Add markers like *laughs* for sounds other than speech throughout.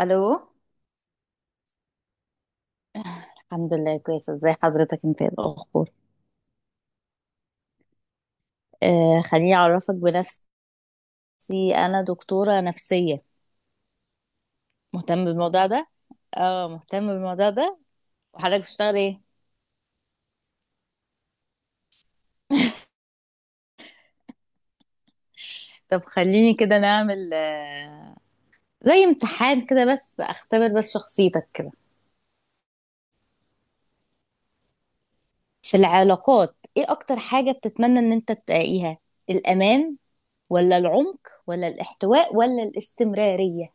الو. الحمد لله كويسه، ازي حضرتك؟ انت ايه الاخبار؟ آه، خليني اعرفك بنفسي. انا دكتوره نفسيه. مهتم بالموضوع ده، اه مهتم بالموضوع ده. وحضرتك بتشتغل ايه؟ طب خليني كده نعمل زي امتحان كده، بس اختبر بس شخصيتك كده. في العلاقات ايه اكتر حاجه بتتمنى ان انت تلاقيها؟ الامان، ولا العمق، ولا الاحتواء، ولا الاستمراريه؟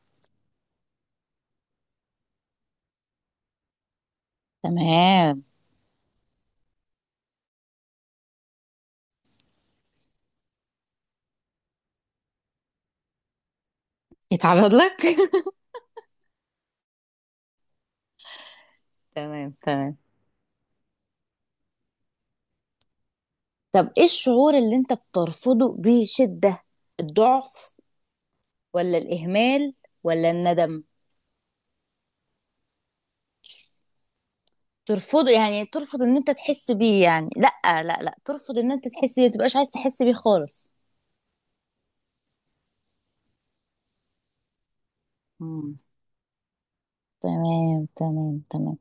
تمام. يتعرض لك *laughs* تمام تمام. طب ايه الشعور اللي انت بترفضه بشدة؟ الضعف، ولا الإهمال، ولا الندم؟ ترفضه يعني ترفض ان انت تحس بيه، يعني لا. لا ترفض ان انت تحس بيه، متبقاش عايز تحس بيه خالص. مم. تمام تمام تمام.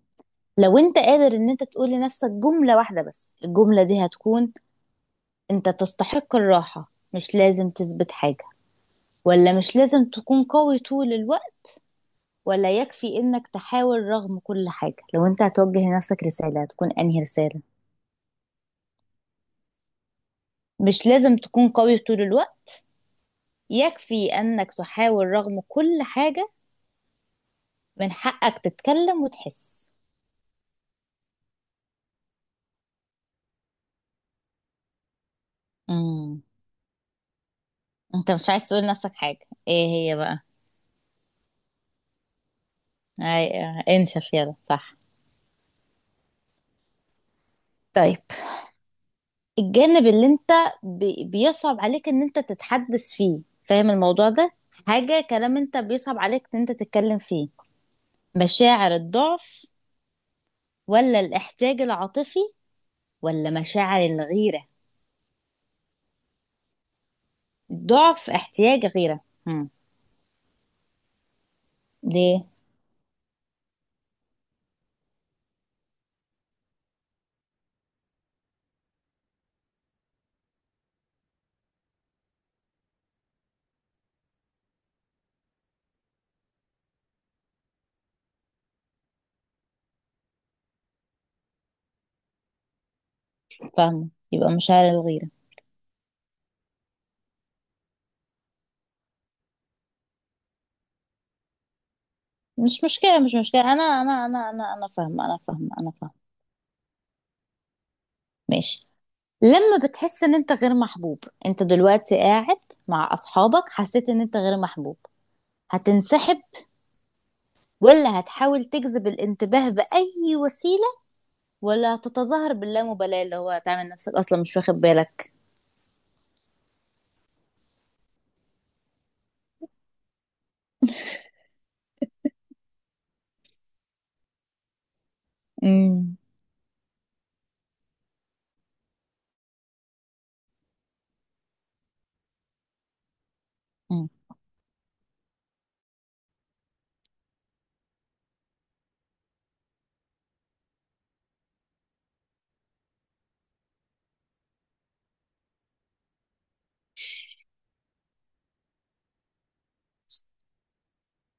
لو انت قادر ان انت تقول لنفسك جملة واحدة، بس الجملة دي هتكون: انت تستحق الراحة، مش لازم تثبت حاجة؟ ولا مش لازم تكون قوي طول الوقت؟ ولا يكفي انك تحاول رغم كل حاجة؟ لو انت هتوجه لنفسك رسالة تكون انهي رسالة؟ مش لازم تكون قوي طول الوقت. يكفي انك تحاول رغم كل حاجة. من حقك تتكلم وتحس. امم. انت مش عايز تقول لنفسك حاجة؟ ايه هي بقى؟ أي... انشف يلا، صح؟ طيب. الجانب اللي انت بيصعب عليك ان انت تتحدث فيه، فاهم الموضوع ده؟ حاجة كلام انت بيصعب عليك ان انت تتكلم فيه. مشاعر الضعف، ولا الاحتياج العاطفي، ولا مشاعر الغيرة؟ ضعف، احتياج، غيرة. هم. دي. فاهمة، يبقى مشاعر الغيرة. مش مشكلة، مش مشكلة، أنا فاهمة، أنا فاهمة، أنا فاهمة. ماشي. لما بتحس إن أنت غير محبوب، أنت دلوقتي قاعد مع أصحابك، حسيت إن أنت غير محبوب، هتنسحب؟ ولا هتحاول تجذب الانتباه بأي وسيلة؟ ولا هتتظاهر باللامبالاة، اللي هو تعمل نفسك أصلا مش واخد بالك؟ امم.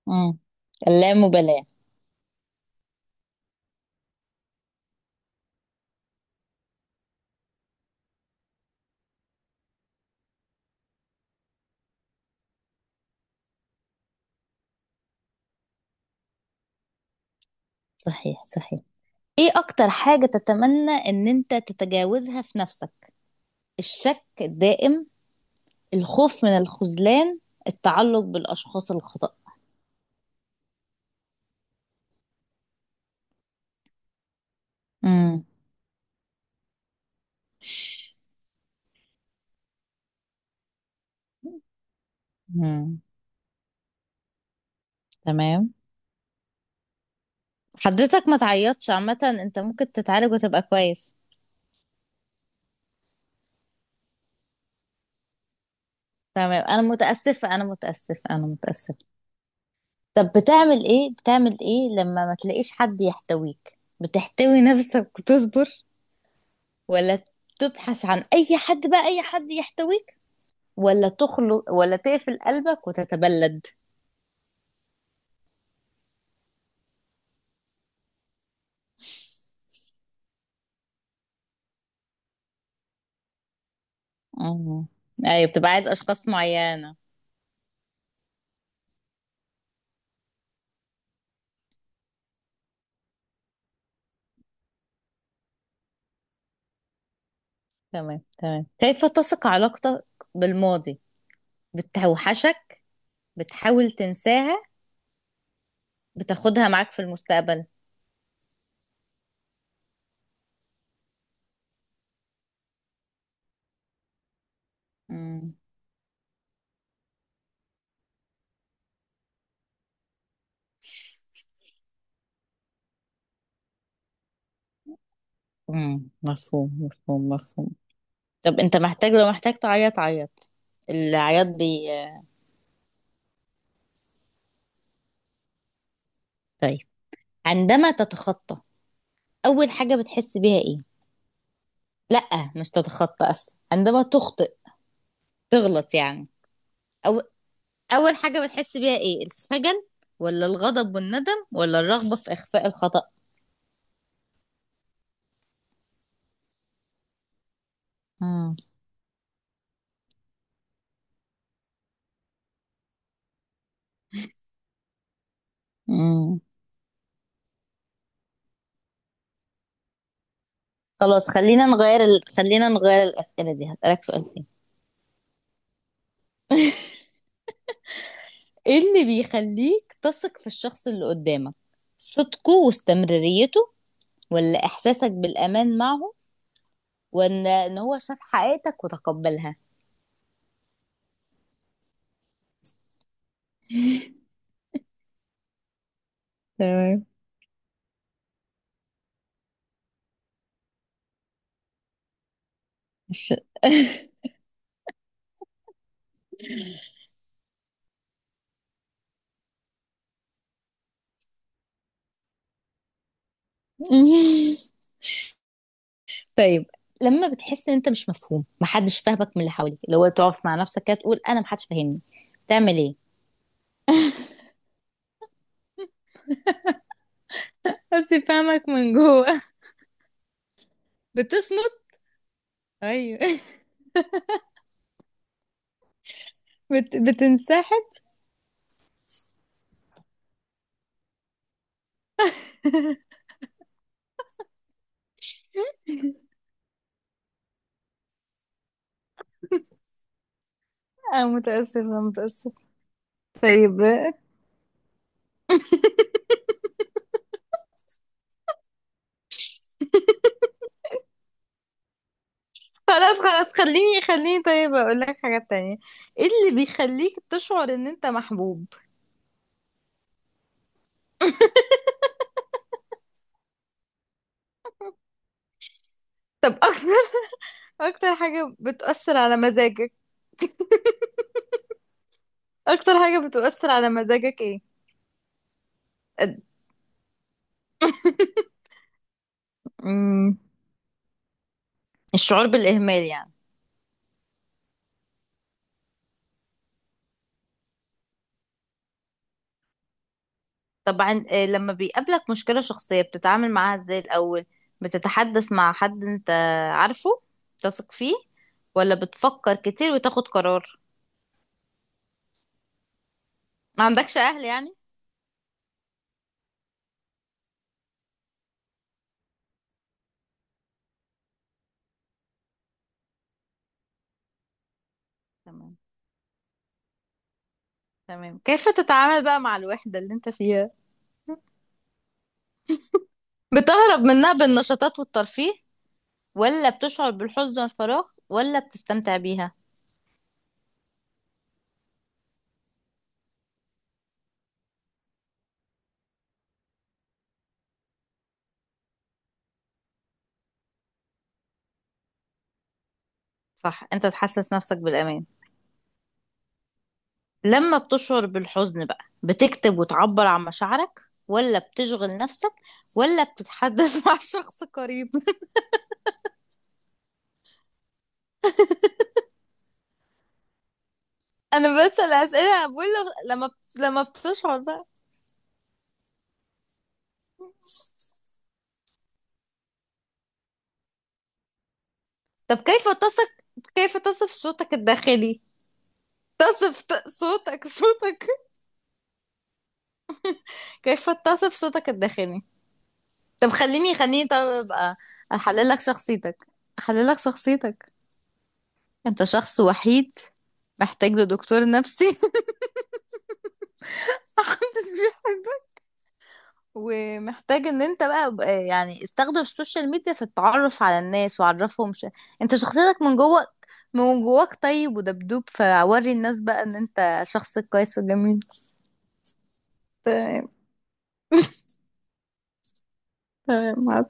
امم. اللامبالاة. صحيح، صحيح. ايه اكتر حاجة تتمنى ان انت تتجاوزها في نفسك؟ الشك الدائم؟ الخوف من الخذلان؟ التعلق بالاشخاص الخطأ؟ امم. امم. تمام. حضرتك ما تعيطش، عامة انت ممكن تتعالج وتبقى كويس. تمام، انا متأسفة، انا متأسفة، انا متأسفة. طب بتعمل ايه؟ بتعمل ايه لما ما تلاقيش حد يحتويك؟ بتحتوي نفسك وتصبر؟ ولا تبحث عن اي حد بقى، اي حد يحتويك؟ ولا تخلق، ولا تقفل قلبك وتتبلد؟ مم. ايوه، بتبقى عايز اشخاص معينة. تمام تمام. كيف تثق علاقتك بالماضي؟ بتوحشك؟ بتحاول تنساها؟ بتاخدها معاك في المستقبل؟ مم. مفهوم، مفهوم، مفهوم. طب انت محتاج، لو محتاج تعيط عيط. العياط بي. طيب. عندما تتخطى، اول حاجة بتحس بيها ايه؟ لا، مش تتخطى، اصلا عندما تخطئ، تغلط يعني، اول حاجة بتحس بيها ايه؟ الخجل؟ ولا الغضب والندم؟ ولا الرغبة في اخفاء الخطأ؟ مم. مم. خلاص، خلينا نغير الأسئلة دي، هسألك سؤال تاني. ايه اللي بيخليك تثق في الشخص اللي قدامك؟ صدقه واستمراريته؟ ولا احساسك بالامان معه؟ ولا ان هو شاف حقيقتك وتقبلها؟ تمام. الش- *laughs* طيب. لما بتحس ان انت مش مفهوم، محدش فاهمك من اللي حواليك، لو تقف مع نفسك كده تقول انا محدش فاهمني، تعمل ايه؟ بس فاهمك من جوه. بتصمت؟ ايوه. بتنسحب. اه، متأسفة، متأسفة. طيب خلاص، خلاص، خليني، خليني. طيب اقول لك حاجة تانية: ايه اللي بيخليك تشعر ان انت محبوب؟ طب اكتر، اكتر حاجة بتؤثر على مزاجك؟ اكتر حاجة بتؤثر على مزاجك ايه؟ أد- مم، الشعور بالإهمال يعني. طبعا آه، لما بيقابلك مشكلة شخصية بتتعامل معاها ازاي الأول؟ بتتحدث مع حد انت عارفه تثق فيه؟ ولا بتفكر كتير وتاخد قرار؟ ما عندكش أهل يعني؟ تمام تمام. كيف تتعامل بقى مع الوحدة اللي انت فيها؟ بتهرب منها بالنشاطات والترفيه؟ ولا بتشعر بالحزن والفراغ؟ ولا بتستمتع بيها؟ صح، انت تحسس نفسك بالأمان. لما بتشعر بالحزن بقى، بتكتب وتعبر عن مشاعرك؟ ولا بتشغل نفسك؟ ولا بتتحدث *laughs* مع شخص قريب؟ انا بس الاسئله، بقول له لما، لما بتشعر بقى، طب كيف تصف، كيف تصف صوتك الداخلي؟ تصف ت- صوتك، صوتك. *laughs* كيف تصف صوتك الداخلي؟ طب خليني، خليني، طب ابقى احلل لك شخصيتك، احلل لك شخصيتك. انت شخص وحيد، محتاج لدكتور نفسي. *laughs* محدش، ومحتاج ان انت بقى يعني استخدم السوشيال ميديا في التعرف على الناس وعرفهم انت شخصيتك من جواك، من جواك. طيب، ودبدوب فوري الناس بقى ان انت شخص كويس وجميل. تمام، تمام مع